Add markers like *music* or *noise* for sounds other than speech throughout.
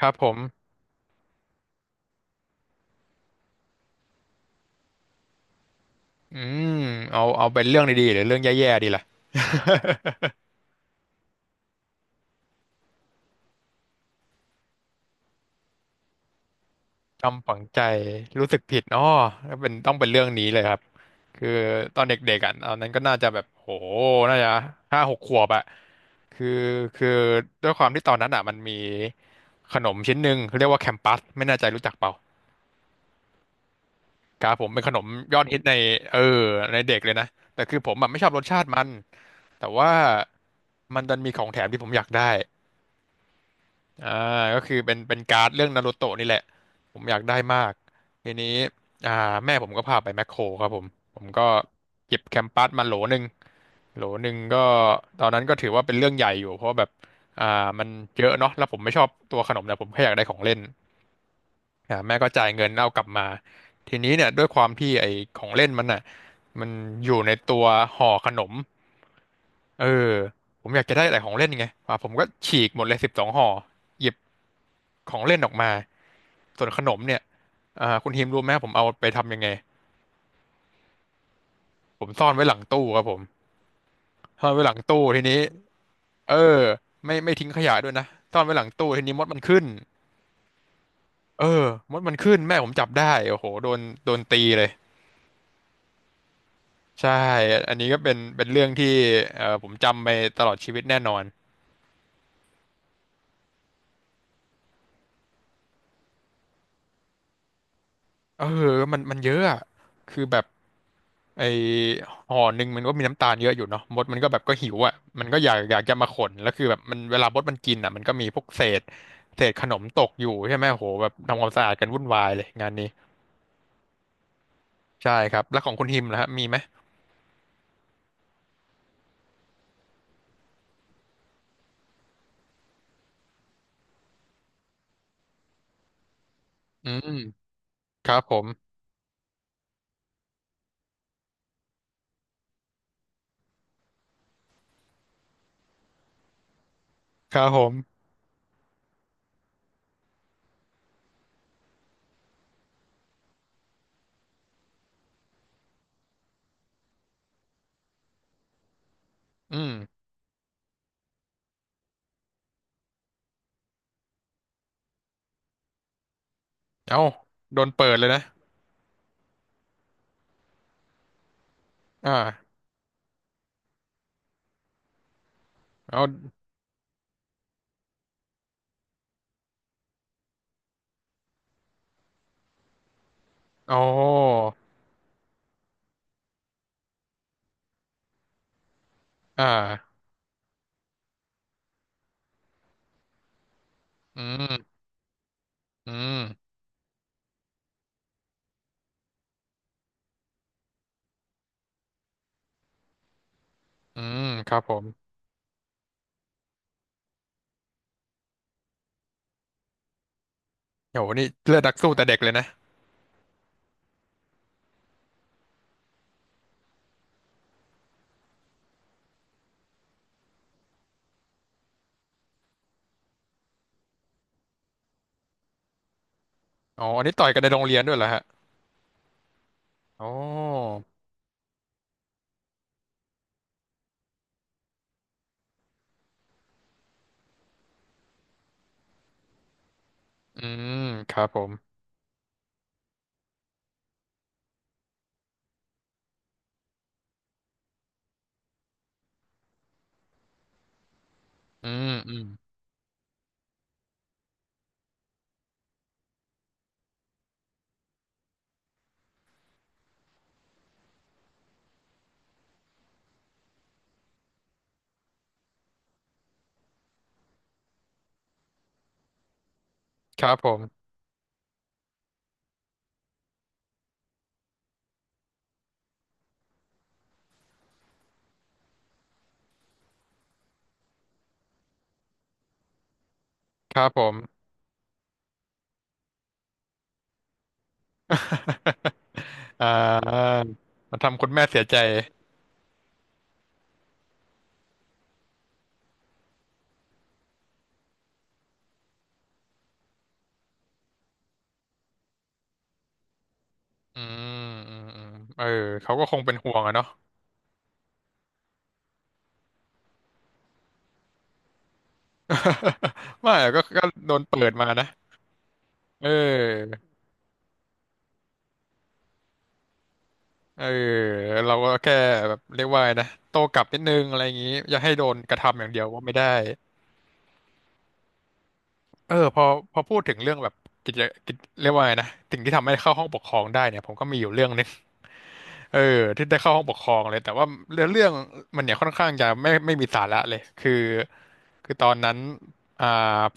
ครับผมอืมเอาเป็นเรื่องดีๆหรือเรื่องแย่ๆดีล่ะจำฝังใจรู้สึกผิดอ้อเป็นต้องเป็นเรื่องนี้เลยครับคือตอนเด็กๆอ่ะตอนนั้นก็น่าจะแบบโหน่าจะ5-6 ขวบอ่ะคือคือด้วยความที่ตอนนั้นอ่ะมันมีขนมชิ้นหนึ่งเรียกว่าแคมปัสไม่แน่ใจรู้จักเปล่าครับผมเป็นขนมยอดฮิตในเออในเด็กเลยนะแต่คือผมแบบไม่ชอบรสชาติมันแต่ว่ามันดันมีของแถมที่ผมอยากได้ อ่าก็คือเป็นการ์ดเรื่องนารูโตะนี่แหละผมอยากได้มากทีนี้อ่าแม่ผมก็พาไปแมคโครครับผมผมก็เก็บแคมปัสมาโหลหนึ่งโหลหนึ่งก็ตอนนั้นก็ถือว่าเป็นเรื่องใหญ่อยู่เพราะว่าแบบอ่ามันเยอะเนาะแล้วผมไม่ชอบตัวขนมแต่ผมแค่อยากได้ของเล่น แม่ก็จ่ายเงินเอากลับมาทีนี้เนี่ยด้วยความที่ไอ้ของเล่นมันอ่ะมันอยู่ในตัวห่อขนมเออผมอยากจะได้อะไรของเล่นไงอ่าผมก็ฉีกหมดเลย12 ห่อหยิบของเล่นออกมาส่วนขนมเนี่ยคุณทีมรู้ไหมผมเอาไปทำยังไงผมซ่อนไว้หลังตู้ครับผมซ่อนไว้หลังตู้ทีนี้เออไม่ทิ้งขยะด้วยนะซ่อนไว้หลังตู้ทีนี้มดมันขึ้นเออมดมันขึ้นแม่ผมจับได้โอ้โหโดนโดนตีเลย ใช่อันนี้ก็เป็นเรื่องที่ผมจำไปตลอดชีวิตแน่นอนเออมันเยอะอะคือแบบไอห่อหนึ่งมันก็มีน้ำตาลเยอะอยู่เนาะมดมันก็แบบก็หิวอ่ะมันก็อยากจะมาขนแล้วคือแบบมันเวลามดมันกินอ่ะมันก็มีพวกเศษเศษขนมตกอยู่ใช่ไหมโหแบบทำความสะอาดกันวุ่นวายเลยงานนี้ ใช่ครับแล้วของคุณฮิมนะฮะมีไหมอืมครับผมครับผมอืมเอ้าโดนเปิดเลยนะอ่าเอาอ๋ออ่าอืม อืมอืมครับผมโหนี่เลือดนักสู้แต่เด็กเลยนะอ๋ออันนี้ต่อยกันในโรงเรียนด้วยเหรอฮะอ๋ออืมครับผมอืมอืมครับผมครับผม *laughs* อ่ามันทำคุณแม่เสียใจอืมอืมอืมเออเขาก็คงเป็นห่วงอะเนาะ *laughs* ไม่อะก็ก็โดนเปิดมานะเออเออเราก็แค่แบบเรียกว่าไงนะโต้กลับนิดนึงอะไรอย่างงี้อย่าให้โดนกระทำอย่างเดียวว่าไม่ได้ พอพูดถึงเรื่องแบบกิจกิจเรียกว่าไงนะสิ่งที่ทำให้เข้าห้องปกครองได้เนี่ยผมก็มีอยู่เรื่องหนึง เออที่ได้เข้าห้องปกครองเลยแต่ว่าเรื่องมันเนี่ยค่อนข้างจะไม่มีสาระเลยคือตอนนั้น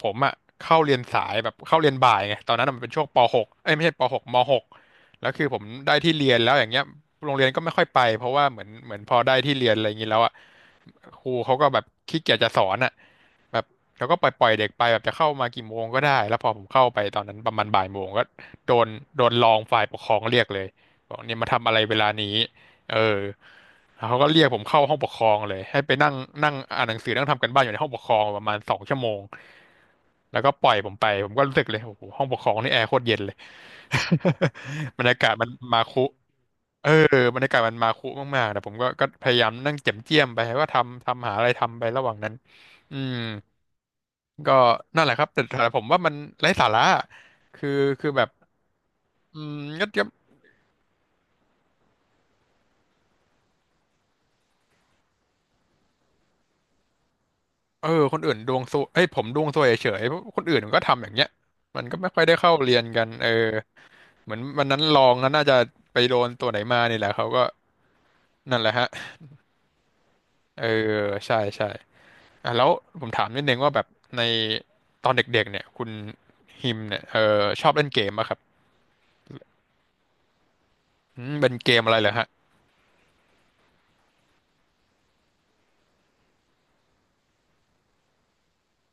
ผมอ่ะเข้าเรียนสายแบบเข้าเรียนบ่ายไงตอนนั้นอะมันเป็นช่วงป .6 เอ้ยไม่ใช่ป .6 ม .6 แล้วคือผมได้ที่เรียนแล้วอย่างเงี้ยโรงเรียนก็ไม่ค่อยไปเพราะว่าเหมือนพอได้ที่เรียนอะไรอย่างงี้แล้วอ่ะครูเขาก็แบบขี้เกียจจะสอนอ่ะแบบเขาก็ปล่อยเด็กไปแบบจะเข้ามากี่โมงก็ได้แล้วพอผมเข้าไปตอนนั้นประมาณบ่ายโมงก็โดนรองฝ่ายปกครองเรียกเลย บอกเนี่ยมาทำอะไรเวลานี้เออแล้วเขาก็เรียกผมเข้าห้องปกครองเลยให้ไปนั่งนั่งอ่านหนังสือนั่งทำกันบ้านอยู่ในห้องปกครองประมาณ2 ชั่วโมง แล้วก็ปล่อยผมไปผมก็รู้สึกเลยโอ้โหห้องปกครองนี่แอร์โคตรเย็นเลย *laughs* บรรยากาศมันมาคุเออบรรยากาศมันมาคุมากๆแต่ผมก็ก็พยายามนั่งเจียมไปว่าทำหาอะไรทำไประหว่างนั้นอืมก็นั่นแหละครับแต่ผมว่ามันไร้สาระคือคือแบบอืมก็ เออคนอื่นดวงซวยเอ้ยผมดวงซวยเฉยๆเพราะคนอื่นมันก็ทำอย่างเงี้ยมันก็ไม่ค่อยได้เข้าเรียนกันเออเหมือนวันนั้นลองนั้นน่าจะไปโดนตัวไหนมานี่แหละเขาก็นั่นแหละฮะเออใช่อ่ะแล้วผมถามนิดนึงว่าแบบในตอนเด็กๆเนี่ยคุณฮิมเนี่ยเออชอบเล่นเกมป่ะครับอืมเป็นเกมอะไรเหรอฮะ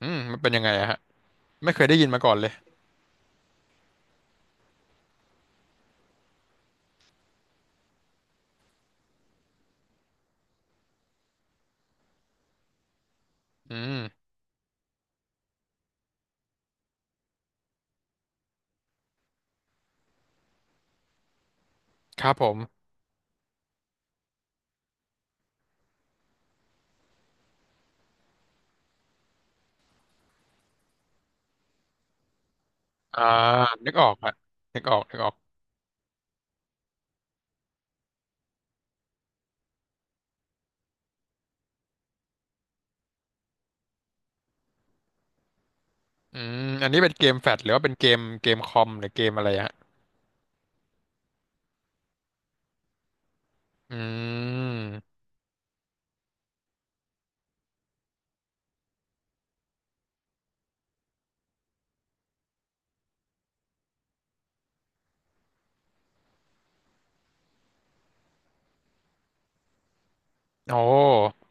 อืมมันเป็นยังไงอะฮะไม่เคยได้ยินมาก่อนเลยอืมครับผมอ่านึกออกฮะนึกออกอืมอันนี้เป็นเกมแฟลชหรือว่าเป็นเกมคอมหรือเกมอะไรฮะ อืม โอ้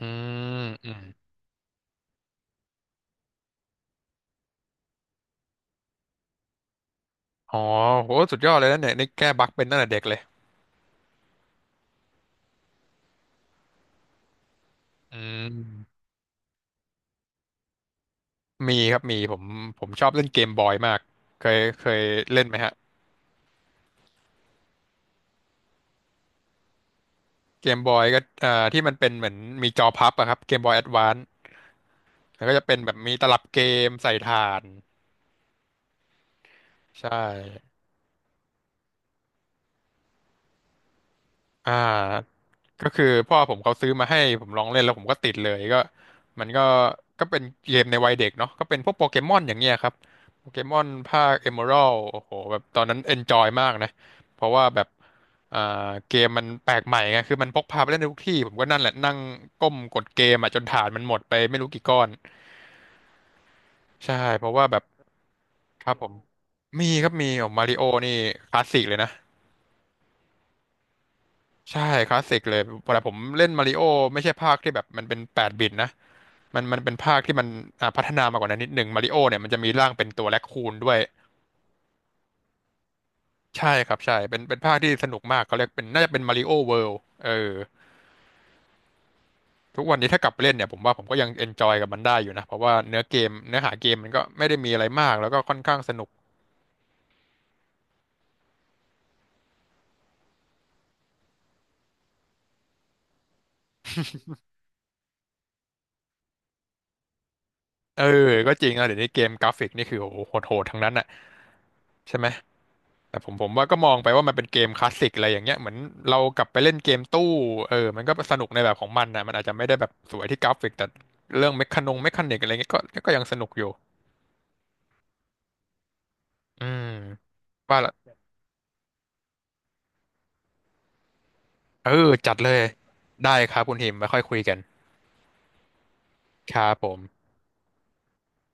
อืม อืมอ๋อโหสุดยอดเลยนะเนี่ยนี่แก้บั๊กเป็นตั้งแต่เด็กเลย อืม มีครับ มีผมชอบเล่นเกมบอยมากเคยเล่นไหมฮะเกมบอยก็เอ่าที่มันเป็นเหมือนมีจอพับอะครับเกมบอยแอดวานซ์แล้วก็จะเป็นแบบมีตลับเกมใส่ถ่าน ใช่ อ่า ก็คือพ่อผมเขาซื้อมาให้ผมลองเล่นแล้วผมก็ติดเลยก็มันก็ก็เป็นเกมในวัยเด็กเนาะก็เป็นพวกโปเกมอนอย่างเงี้ยครับโปเกมอนภาคเอเมอรัลโอ้โหแบบตอนนั้นเอนจอยมากนะเพราะว่าแบบอ่าเกมมันแปลกใหม่ไงคือมันพกพาไปเล่นได้ทุกที่ผมก็นั่นแหละนั่งก้มกดเกมอ่ะจนฐานมันหมดไปไม่รู้กี่ก้อนใช่เพราะว่าแบบครับผมมีครับมีโอ้มาริโอนี่คลาสสิกเลยนะ ใช่คลาสสิกเลยเวลาผมเล่นมาริโอไม่ใช่ภาคที่แบบมันเป็นแปดบิตนะมันเป็นภาคที่มันพัฒนามากกว่านั้นนิดหนึ่งมาริโอเนี่ยมันจะมีร่างเป็นตัวแร็คคูนด้วยใช่ครับใช่เป็นภาคที่สนุกมากเขาเรียกเป็นน่าจะเป็นมาริโอเวิลด์เออทุกวันนี้ถ้ากลับไปเล่นเนี่ยผมว่าผมก็ยังเอนจอยกับมันได้อยู่นะเพราะว่าเนื้อเกมเนื้อหาเกมมันก็ไม่ได้มีอะไรมากแล้วก็ค่อนข้างสนุกเออก็จริงนะเดี๋ยวนี้เกมกราฟิกนี่คือโอ้โหโหดๆทั้งนั้นอ่ะใช่ไหม แต่ผมว่าก็มองไปว่ามันเป็นเกมคลาสสิกอะไรอย่างเงี้ยเหมือนเรากลับไปเล่นเกมตู้เออมันก็สนุกในแบบของมันนะมันอาจจะไม่ได้แบบสวยที่กราฟิกแต่เรื่องเมคคานิกอะไรเงี้ยก็ยังสนุกอยู่อืมว่าละเออจัดเลยได้ครับคุณหิมไว้ค่อยคุยกันครับผม